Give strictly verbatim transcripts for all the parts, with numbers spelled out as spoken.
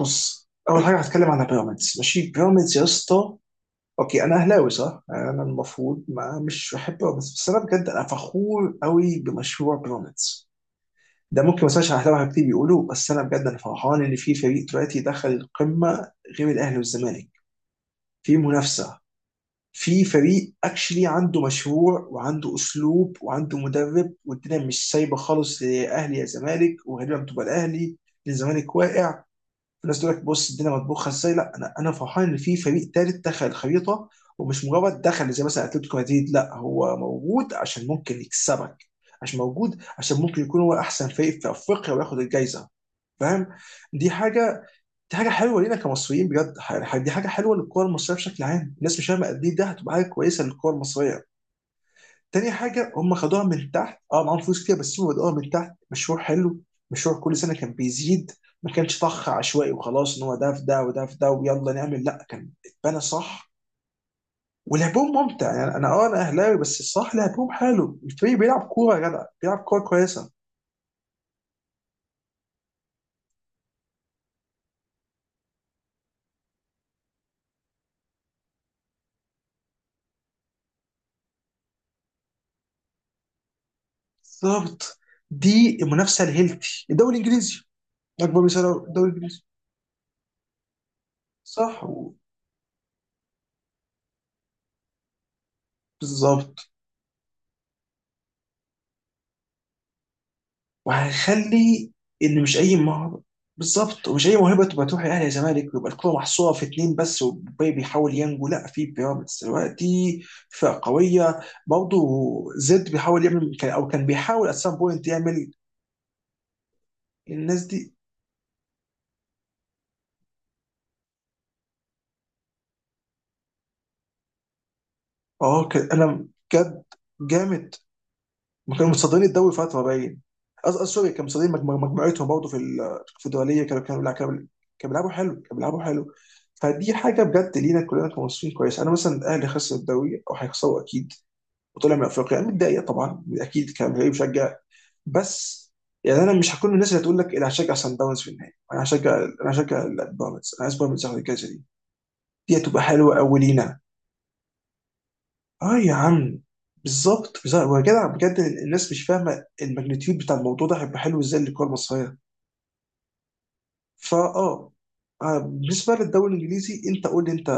بص، اول حاجه هتكلم عن بيراميدز. ماشي، بيراميدز يا اسطى. اوكي، انا اهلاوي صح، انا المفروض ما مش بحب بيراميدز، بس انا بجد انا فخور قوي بمشروع بيراميدز. ده ممكن ما اسمعش اهلاوي كتير بيقولوا، بس انا بجد انا فرحان ان في فريق دلوقتي دخل القمه غير الاهلي والزمالك. في منافسه، في فريق اكشلي عنده مشروع وعنده اسلوب وعنده مدرب، والدنيا مش سايبه خالص لاهلي يا زمالك، وغالبا بتبقى الاهلي. الزمالك واقع. في ناس تقول لك بص الدنيا مطبوخه ازاي. لا، انا انا فرحان ان في فريق ثالث دخل الخريطه، ومش مجرد دخل زي مثلا اتلتيكو مدريد. لا، هو موجود عشان ممكن يكسبك، عشان موجود عشان ممكن يكون هو احسن فريق في افريقيا وياخد الجائزه. فاهم؟ دي حاجه، دي حاجه حلوه لينا كمصريين بجد. ح- دي حاجه حلوه للكره المصريه بشكل عام. الناس مش فاهمه قد ايه ده هتبقى حاجه كويسه للكره المصريه. تاني حاجة، هم خدوها من تحت. اه، معاهم فلوس كتير بس هم بدأوها من تحت، مشروع حلو. مشروع كل سنة كان بيزيد، ما كانش طخ عشوائي وخلاص ان هو ده في ده وده في ده ويلا نعمل. لا، كان اتبنى صح. ولعبهم ممتع. يعني انا اه انا اهلاوي، بس الصح لعبهم حلو. الفريق بيلعب كورة يا جدع، بيلعب كورة كويسة. بالظبط. دي المنافسة الهيلثي، الدوري الانجليزي. اكبر مثال هو الدوري الانجليزي. صح و- بالظبط. وهنخلي ان مش اي مهر، بالظبط، ومش اي موهبه تبقى تروح الاهلي يا زمالك ويبقى الكوره محصوره في اتنين بس والباقي بيحاول ينجو. لا، في بيراميدز دلوقتي، فرقه قويه برضه. زد بيحاول يعمل كان- او كان بيحاول ات سام بوينت يعمل. الناس دي اه كان- انا بجد جامد. ما كانوا متصدرين الدوري فتره باين. أز- أز- سوري، كانوا متصدرين مجمو- مجموعتهم برضه في ال- في الدوليه. كانوا كانوا لا، كانوا كانوا بيلعبوا حلو، كانوا بيلعبوا حلو فدي حاجه بجد لينا كلنا كمصريين كويس. انا مثلا الاهلي خسر الدوري او هيخسروا اكيد، وطلع من افريقيا. انا متضايق طبعا اكيد كمشجع، مشجع. بس يعني انا مش هكون من الناس اللي هتقول لك انا هشجع سان داونز في النهائي. انا هشجع، انا هشجع ال- بيراميدز. انا عايز بيراميدز ياخد الجائزه دي. دي هتبقى حلوه قوي لينا. اه يا عم، بالظبط بالظبط، ويا جدع بجد الناس مش فاهمه الماجنتيود بتاع الموضوع ده، هيبقى حلو ازاي للكره المصريه. فا اه آه، بالنسبه للدوري الانجليزي، انت قول لي انت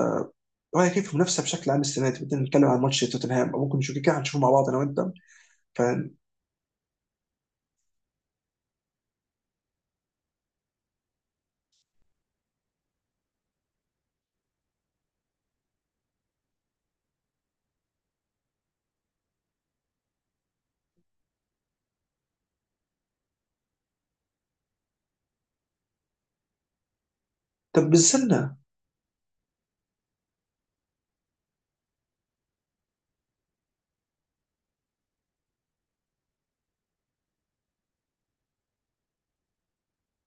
رايك كيف في المنافسه بشكل عام السنه دي. بدنا نتكلم عن ماتش توتنهام، او ممكن نشوف كده هنشوفه مع بعض انا وانت. ف طب استنى،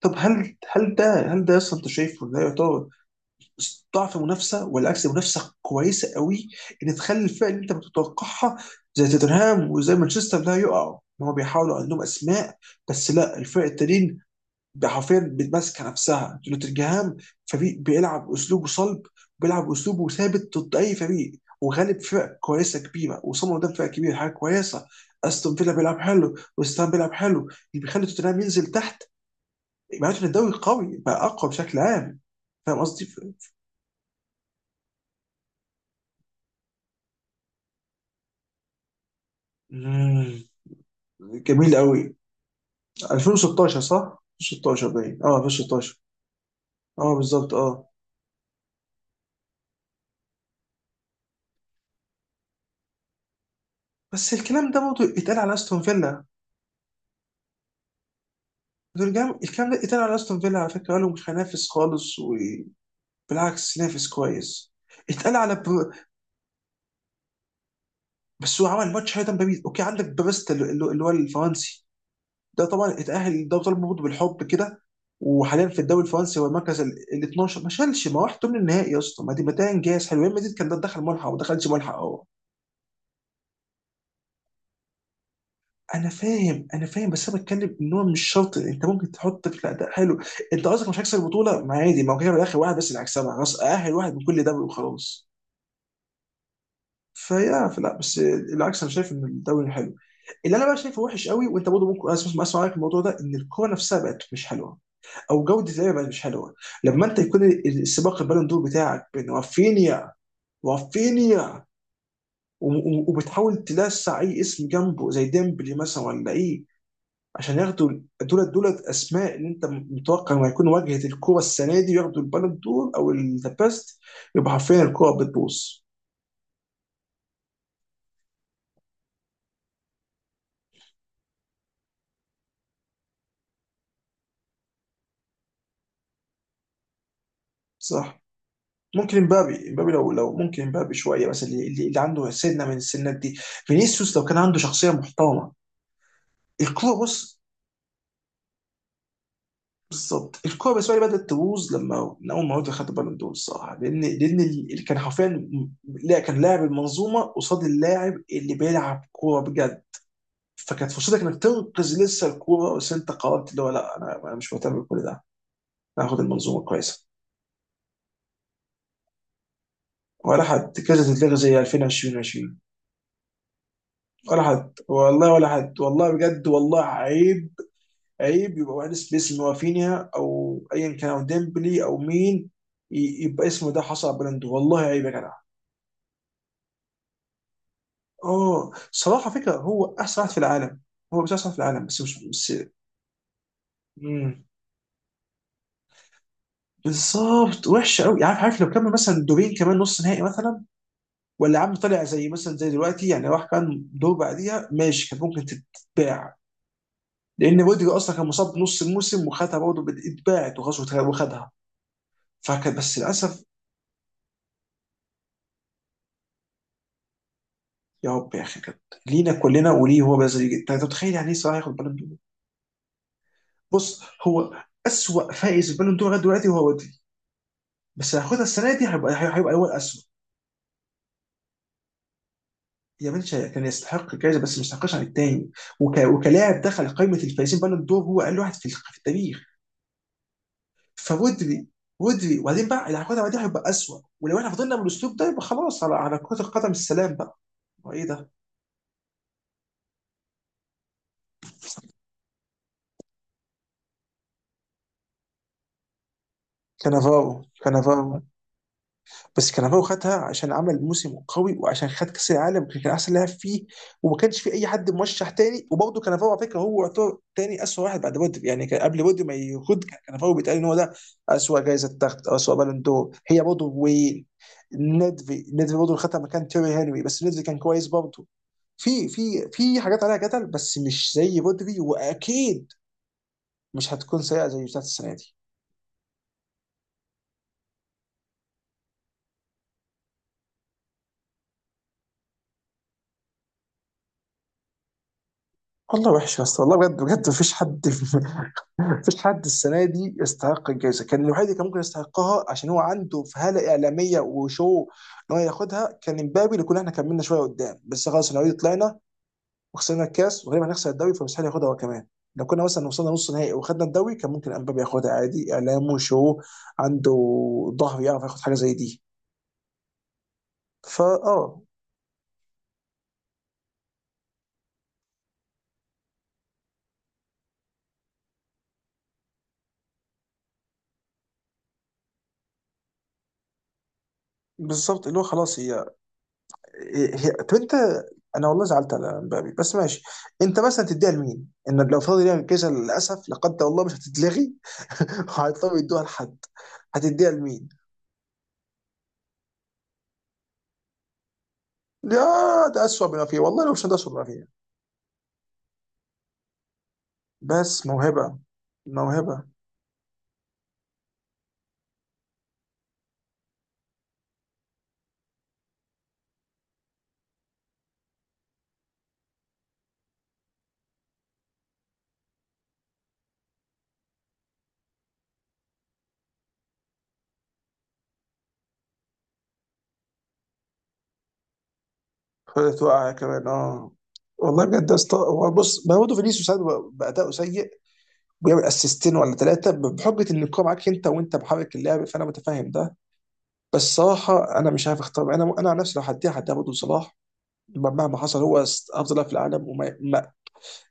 طب هل هل ده، هل ده اصلا انت شايفه ده يعتبر ضعف منافسه والعكس منافسه كويسه قوي؟ ان تخلي الفرق اللي انت بتتوقعها زي توتنهام وزي مانشستر لا يقعوا، ان هم بيحاولوا عندهم اسماء، بس لا الفرق التانيين حرفيا بتماسكه نفسها. نوتنجهام فريق بيلعب اسلوبه صلب، بيلعب اسلوبه ثابت ضد اي فريق، وغالب فرق كويسه كبيره، وصمم قدام فرق كبيره حاجه كويسه. استون فيلا بيلعب حلو، وستام بيلعب حلو، اللي بيخلي توتنهام ينزل تحت. معناته ان الدوري قوي، بقى اقوى بشكل عام. فاهم قصدي؟ ف... جميل قوي. ألفين وستاشر صح، ألفين وستاشر باين اه ألفين وستاشر. اه، بالظبط اه. بس الكلام ده برضه اتقال على استون فيلا، نوتنجهام. الكلام ده اتقال على استون فيلا على فكره، قالوا مش هينافس خالص وبالعكس نافس كويس. اتقال على برو... بس هو عمل ماتش هيدا باريس. اوكي، عندك باريس اللي اللي اللي هو الفرنسي ده طبعا اتأهل. ده طالب برضه بالحب كده، وحاليا في الدوري الفرنسي هو المركز ال ال الثاني عشر. ما شالش، ما راح من النهائي يا اسطى. ما دي ما ده انجاز حلو. ريال مدريد كان ده دخل ملحق، وما دخلش ملحق هو. انا فاهم انا فاهم بس انا بتكلم ان هو مش شرط، انت ممكن تحط في. لا، ده حلو. انت قصدك مش هيكسب البطوله، ما عادي. ما هو كده في الاخر واحد بس اللي هيكسبها. خلاص، اهل واحد من كل ده وخلاص. فيا فلا، بس العكس، انا شايف ان الدوري حلو. اللي انا بقى شايفه وحش قوي، وانت برضه ممكن اسمع اسمع رايك في الموضوع ده، ان الكوره نفسها بقت مش حلوه، او جوده اللعبه بقت مش حلوه. لما انت يكون السباق البالون دور بتاعك بين رافينيا رافينيا، و- و- وبتحاول تلسع اي اسم جنبه زي ديمبلي مثلا ولا ايه عشان ياخدوا، دول دول اسماء اللي انت متوقع انه هيكون واجهه الكوره السنه دي، وياخدوا البالون دور او ذا بيست، يبقى حرفيا الكوره بتبوظ. صح. ممكن امبابي، امبابي لو لو ممكن امبابي شويه، بس اللي، اللي اللي عنده سنه من السنات دي. فينيسيوس لو كان عنده شخصيه محترمه. الكوره بص. بالظبط، الكوره بالنسبه لي بدات تبوظ لما من اول ما رودري خد البالون دور الصراحه، لان لان اللي كان حرفيا لا، كان لاعب المنظومه قصاد اللاعب اللي بيلعب كوره بجد. فكانت فرصتك انك تنقذ لسه الكوره، بس انت قررت اللي هو لا، انا انا مش مهتم بكل ده، انا هاخد المنظومه كويسه. ولا حد، كذا تتلغى زي عشرين عشرين، عشرين. ولا حد والله، ولا حد والله بجد. والله عيب، عيب يبقى واحد اسم هو فينيا او ايا كان او ديمبلي او مين ي- يبقى اسمه ده حصل على بلنده. والله عيب يا جدع. اه صراحه فكره، هو احسن واحد في العالم. هو مش احسن واحد في العالم بس، مش بس. مم. بالظبط، وحشه قوي. عارف، عارف لو كمل مثلا دورين كمان نص نهائي مثلا، ولا يا عم طلع زي مثلا زي دلوقتي يعني راح كان دور بعديها، ماشي، كان ممكن تتباع. لان رودري اصلا كان مصاب نص الموسم وخدها برضه، اتباعت وخلاص، وتخ- وخدها. فكان بس للاسف. يا رب يا اخي، كانت لينا كلنا. وليه هو بس يجي؟ انت متخيل يعني ايه صلاح ياخد بالون دور؟ بص هو، اسوء فائز بالون دور لغايه دلوقتي هو رودري، بس هياخدها السنه دي، هيبقى هي- هيبقى هو الاسوء. يا بنشا كان يستحق الجائزه بس ما يستحقش عن التاني، وك... وكلاعب دخل قائمه الفائزين بالون دور هو اقل واحد في الخ- في التاريخ. فودري ودري وبعدين بقى اللي هياخدها بعدين هيبقى اسوء. ولو احنا فضلنا بالاسلوب ده يبقى خلاص، على على كره القدم السلام بقى. هو ايه ده؟ كانافارو، كانافارو. بس كانافارو خدها عشان عمل موسم قوي وعشان خد كاس العالم، وكان كان احسن لاعب فيه، وما كانش في اي حد مرشح تاني. وبرضه كانافارو على فكره هو يعتبر تاني اسوء واحد بعد بودي، يعني كان قبل بودي ما ياخد، كان كانافارو بيتقال ان هو ده اسوء جايزه تاخد او اسوء بالون دور. هي برضه وين، ندفي، ندفي برضه خدها مكان تيري هنري، بس ندفي كان كويس برضه. في في في حاجات عليها جدل، بس مش زي بودري. واكيد مش هتكون سيئه زي بتاعت السنه دي. والله وحش يا اسطى، والله بجد بجد، مفيش حد مفيش حد السنه دي يستحق الجائزه. كان الوحيد اللي كان ممكن يستحقها عشان هو عنده فهاله اعلاميه وشو ان هو ياخدها كان امبابي، اللي كنا احنا كملنا شويه قدام، بس خلاص احنا اوريدي طلعنا وخسرنا الكاس وغالبا هنخسر الدوري، فمستحيل ياخدها هو كمان. لو كنا مثلا وصلنا نص نهائي وخدنا الدوري كان ممكن امبابي ياخدها عادي. اعلامه شو عنده، ظهر، يعرف ياخد حاجه زي دي. فاه بالظبط اللي هو خلاص هي، إيه- هي- طب انت، انا والله زعلت على مبابي بس ماشي. انت مثلا تديها لمين؟ ان لو فضل يعمل كذا للاسف لا قدر الله مش هتتلغي، وهيضطروا يدوها لحد. هتديها لمين؟ يا ده اسوء بما فيه والله، لو مش ده اسوء بما فيه. بس موهبه، موهبه. فضلت واقعه كمان اه. والله بجد يا اسطى. هو بص، ما هو برضه فينيسيوس ساعات بيبقى باداؤه سيء ويعمل اسيستين ولا ثلاثة بحجه ان الكوره معاك انت وانت محرك اللعب، فانا متفاهم ده. بس صراحه انا مش عارف اختار. انا انا عن نفسي لو هديها هديها برضه لصلاح، مهما حصل. هو افضل لاعب في العالم وما ما.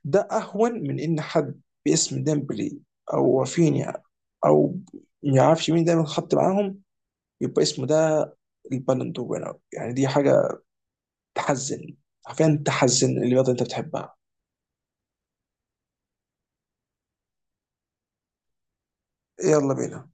ده اهون من ان حد باسم ديمبلي او رافينيا او ما يعرفش مين دايما خط معاهم يبقى اسمه ده البالون دور winner. يعني دي حاجه تحزن، حرفيا تحزن اللي رياضه انت بتحبها. يلا بينا.